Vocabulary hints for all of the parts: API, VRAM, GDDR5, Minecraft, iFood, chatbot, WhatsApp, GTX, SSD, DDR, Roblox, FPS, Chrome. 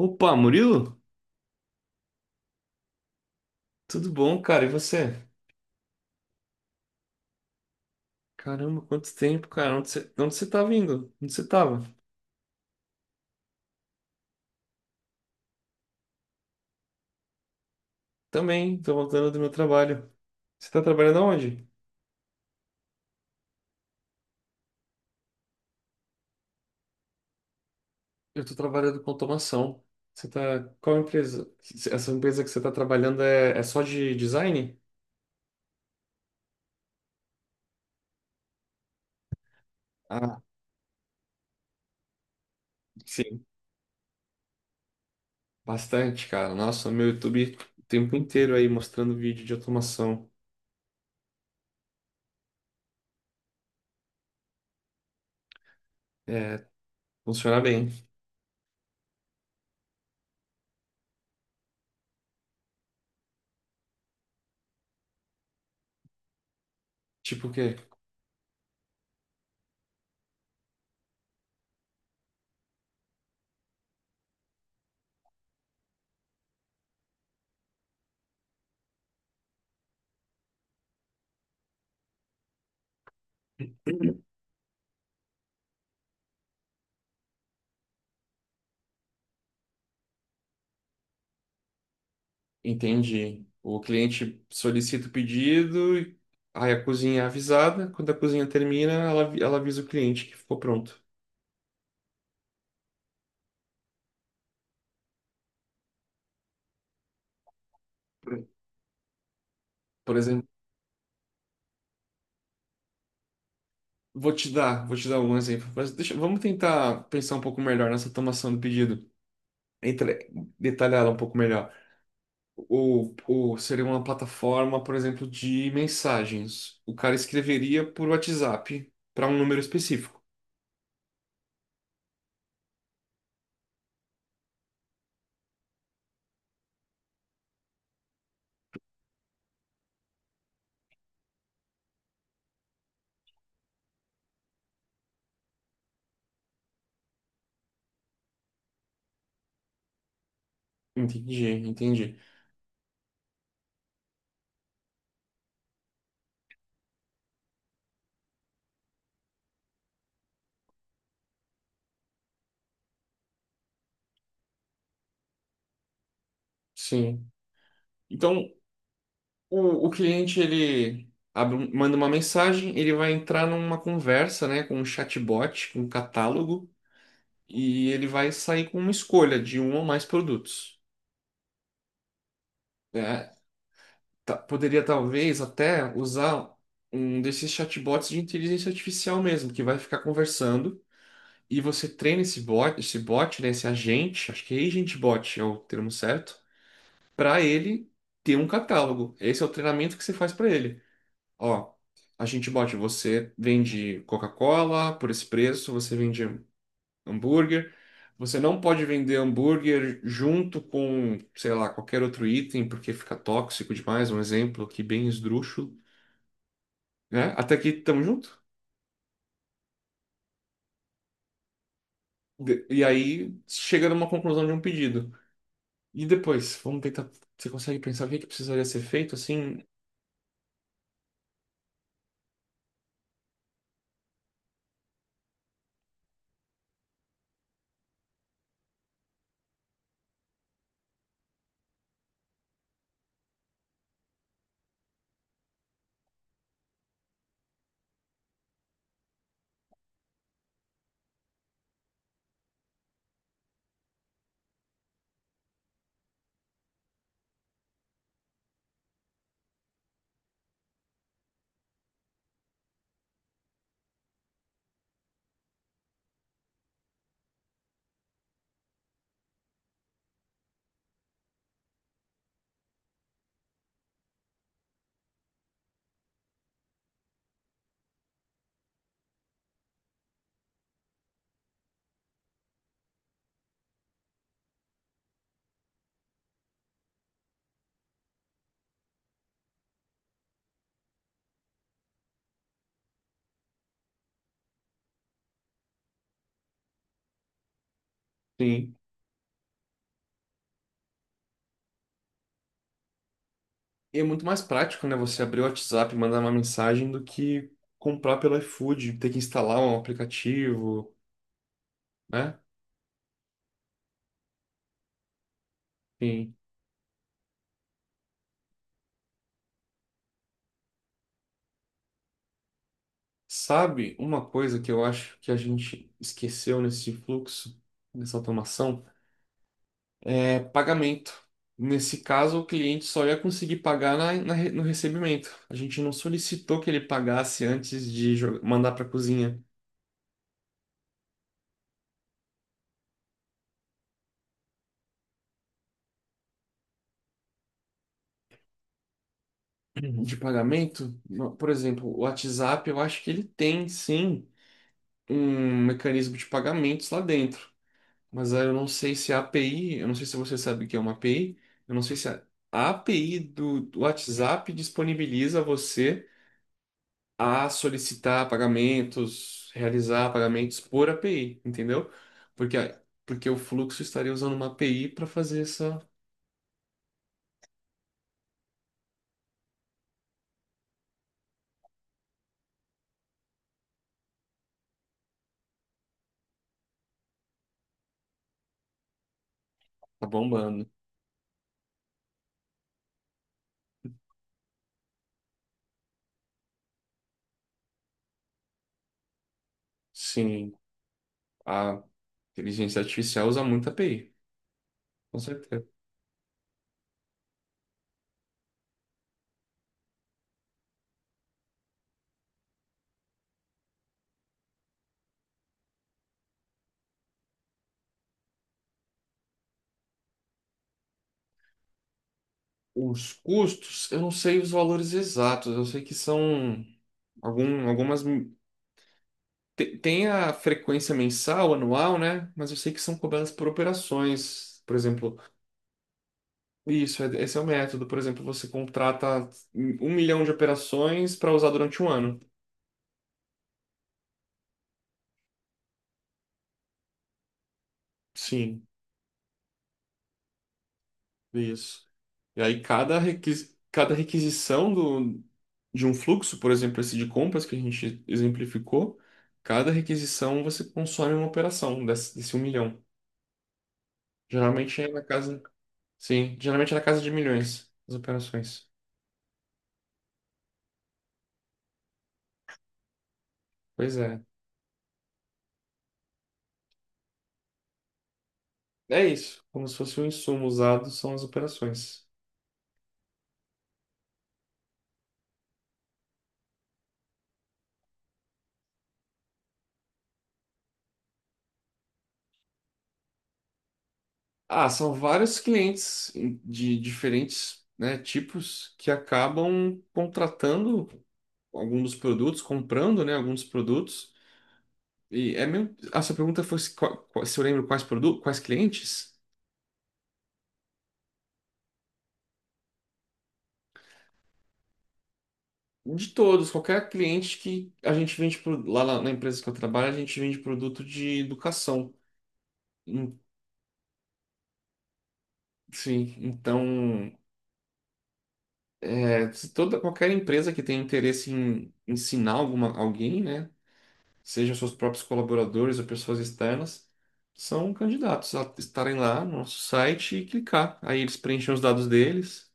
Opa, Murilo? Tudo bom, cara? E você? Caramba, quanto tempo, cara? Onde você tá vindo? Onde você tava? Também, tô voltando do meu trabalho. Você tá trabalhando aonde? Eu tô trabalhando com automação. Você tá... Qual empresa? Essa empresa que você tá trabalhando é só de design? Ah, sim. Bastante, cara. Nossa, meu YouTube o tempo inteiro aí mostrando vídeo de automação. É, funciona bem. Tipo o quê? Entendi. O cliente solicita o pedido, aí a cozinha é avisada. Quando a cozinha termina, ela avisa o cliente que ficou pronto. Por por exemplo, vou te dar um exemplo. Mas deixa, vamos tentar pensar um pouco melhor nessa tomação do pedido. Entre, detalhar ela um pouco melhor. Seria uma plataforma, por exemplo, de mensagens. O cara escreveria por WhatsApp para um número específico. Entendi, entendi. Sim. Então, o cliente ele manda uma mensagem, ele vai entrar numa conversa, né, com um chatbot, com um catálogo, e ele vai sair com uma escolha de um ou mais produtos. É, poderia talvez até usar um desses chatbots de inteligência artificial mesmo, que vai ficar conversando. E você treina esse bot, né, esse agente, acho que é agent bot é o termo certo, para ele ter um catálogo. Esse é o treinamento que você faz para ele. Ó, a gente bota você vende Coca-Cola por esse preço, você vende hambúrguer. Você não pode vender hambúrguer junto com, sei lá, qualquer outro item, porque fica tóxico demais, um exemplo aqui bem esdrúxulo, né? Até aqui tamo junto. E aí chega numa conclusão de um pedido. E depois, vamos tentar. Você consegue pensar o que que precisaria ser feito assim? Sim. E é muito mais prático, né? Você abrir o WhatsApp e mandar uma mensagem do que comprar pelo iFood, ter que instalar um aplicativo, né? Enfim. Sabe uma coisa que eu acho que a gente esqueceu nesse fluxo, nessa automação? É pagamento. Nesse caso, o cliente só ia conseguir pagar no recebimento. A gente não solicitou que ele pagasse antes de mandar para a cozinha de pagamento. Por exemplo, o WhatsApp, eu acho que ele tem sim, um mecanismo de pagamentos lá dentro. Mas aí eu não sei se a API, eu não sei se você sabe o que é uma API, eu não sei se a API do WhatsApp disponibiliza a você a solicitar pagamentos, realizar pagamentos por API, entendeu? Porque, a- Porque o fluxo estaria usando uma API para fazer essa. Tá bombando. Sim, a inteligência artificial usa muito API, com certeza. Os custos, eu não sei os valores exatos, eu sei que são. Algum, algumas. Tem a frequência mensal, anual, né? Mas eu sei que são cobradas por operações. Por exemplo, isso, esse é o método. Por exemplo, você contrata 1 milhão de operações para usar durante um ano. Sim, isso. E aí, cada requisição do, de um fluxo, por exemplo, esse de compras que a gente exemplificou, cada requisição você consome uma operação desse 1 milhão. Geralmente é na casa. Sim, geralmente é na casa de milhões as operações. Pois é. É isso, como se fosse um insumo usado são as operações. Ah, são vários clientes de diferentes, né, tipos que acabam contratando alguns dos produtos, comprando, né, alguns produtos. E é mesmo... A sua pergunta foi se, se eu lembro quais produtos, quais clientes? De todos, qualquer cliente que a gente vende lá na empresa que eu trabalho, a gente vende produto de educação. Em- Sim, então, é, se toda qualquer empresa que tem interesse em ensinar alguma alguém, né, seja seus próprios colaboradores ou pessoas externas, são candidatos a estarem lá no nosso site e clicar. Aí eles preenchem os dados deles.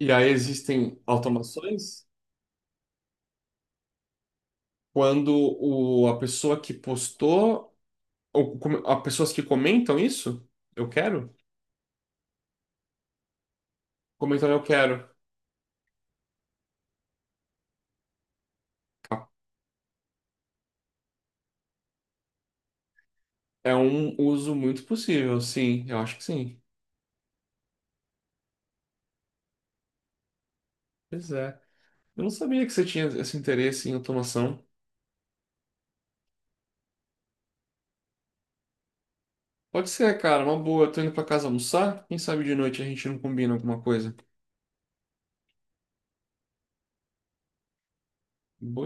E aí existem automações quando a pessoa que postou a pessoas que comentam isso, eu quero, comentam eu quero. É um uso muito possível, sim, eu acho que sim. Pois é. Eu não sabia que você tinha esse interesse em automação. Pode ser, cara, uma boa. Tô indo pra casa almoçar. Quem sabe de noite a gente não combina alguma coisa. Boa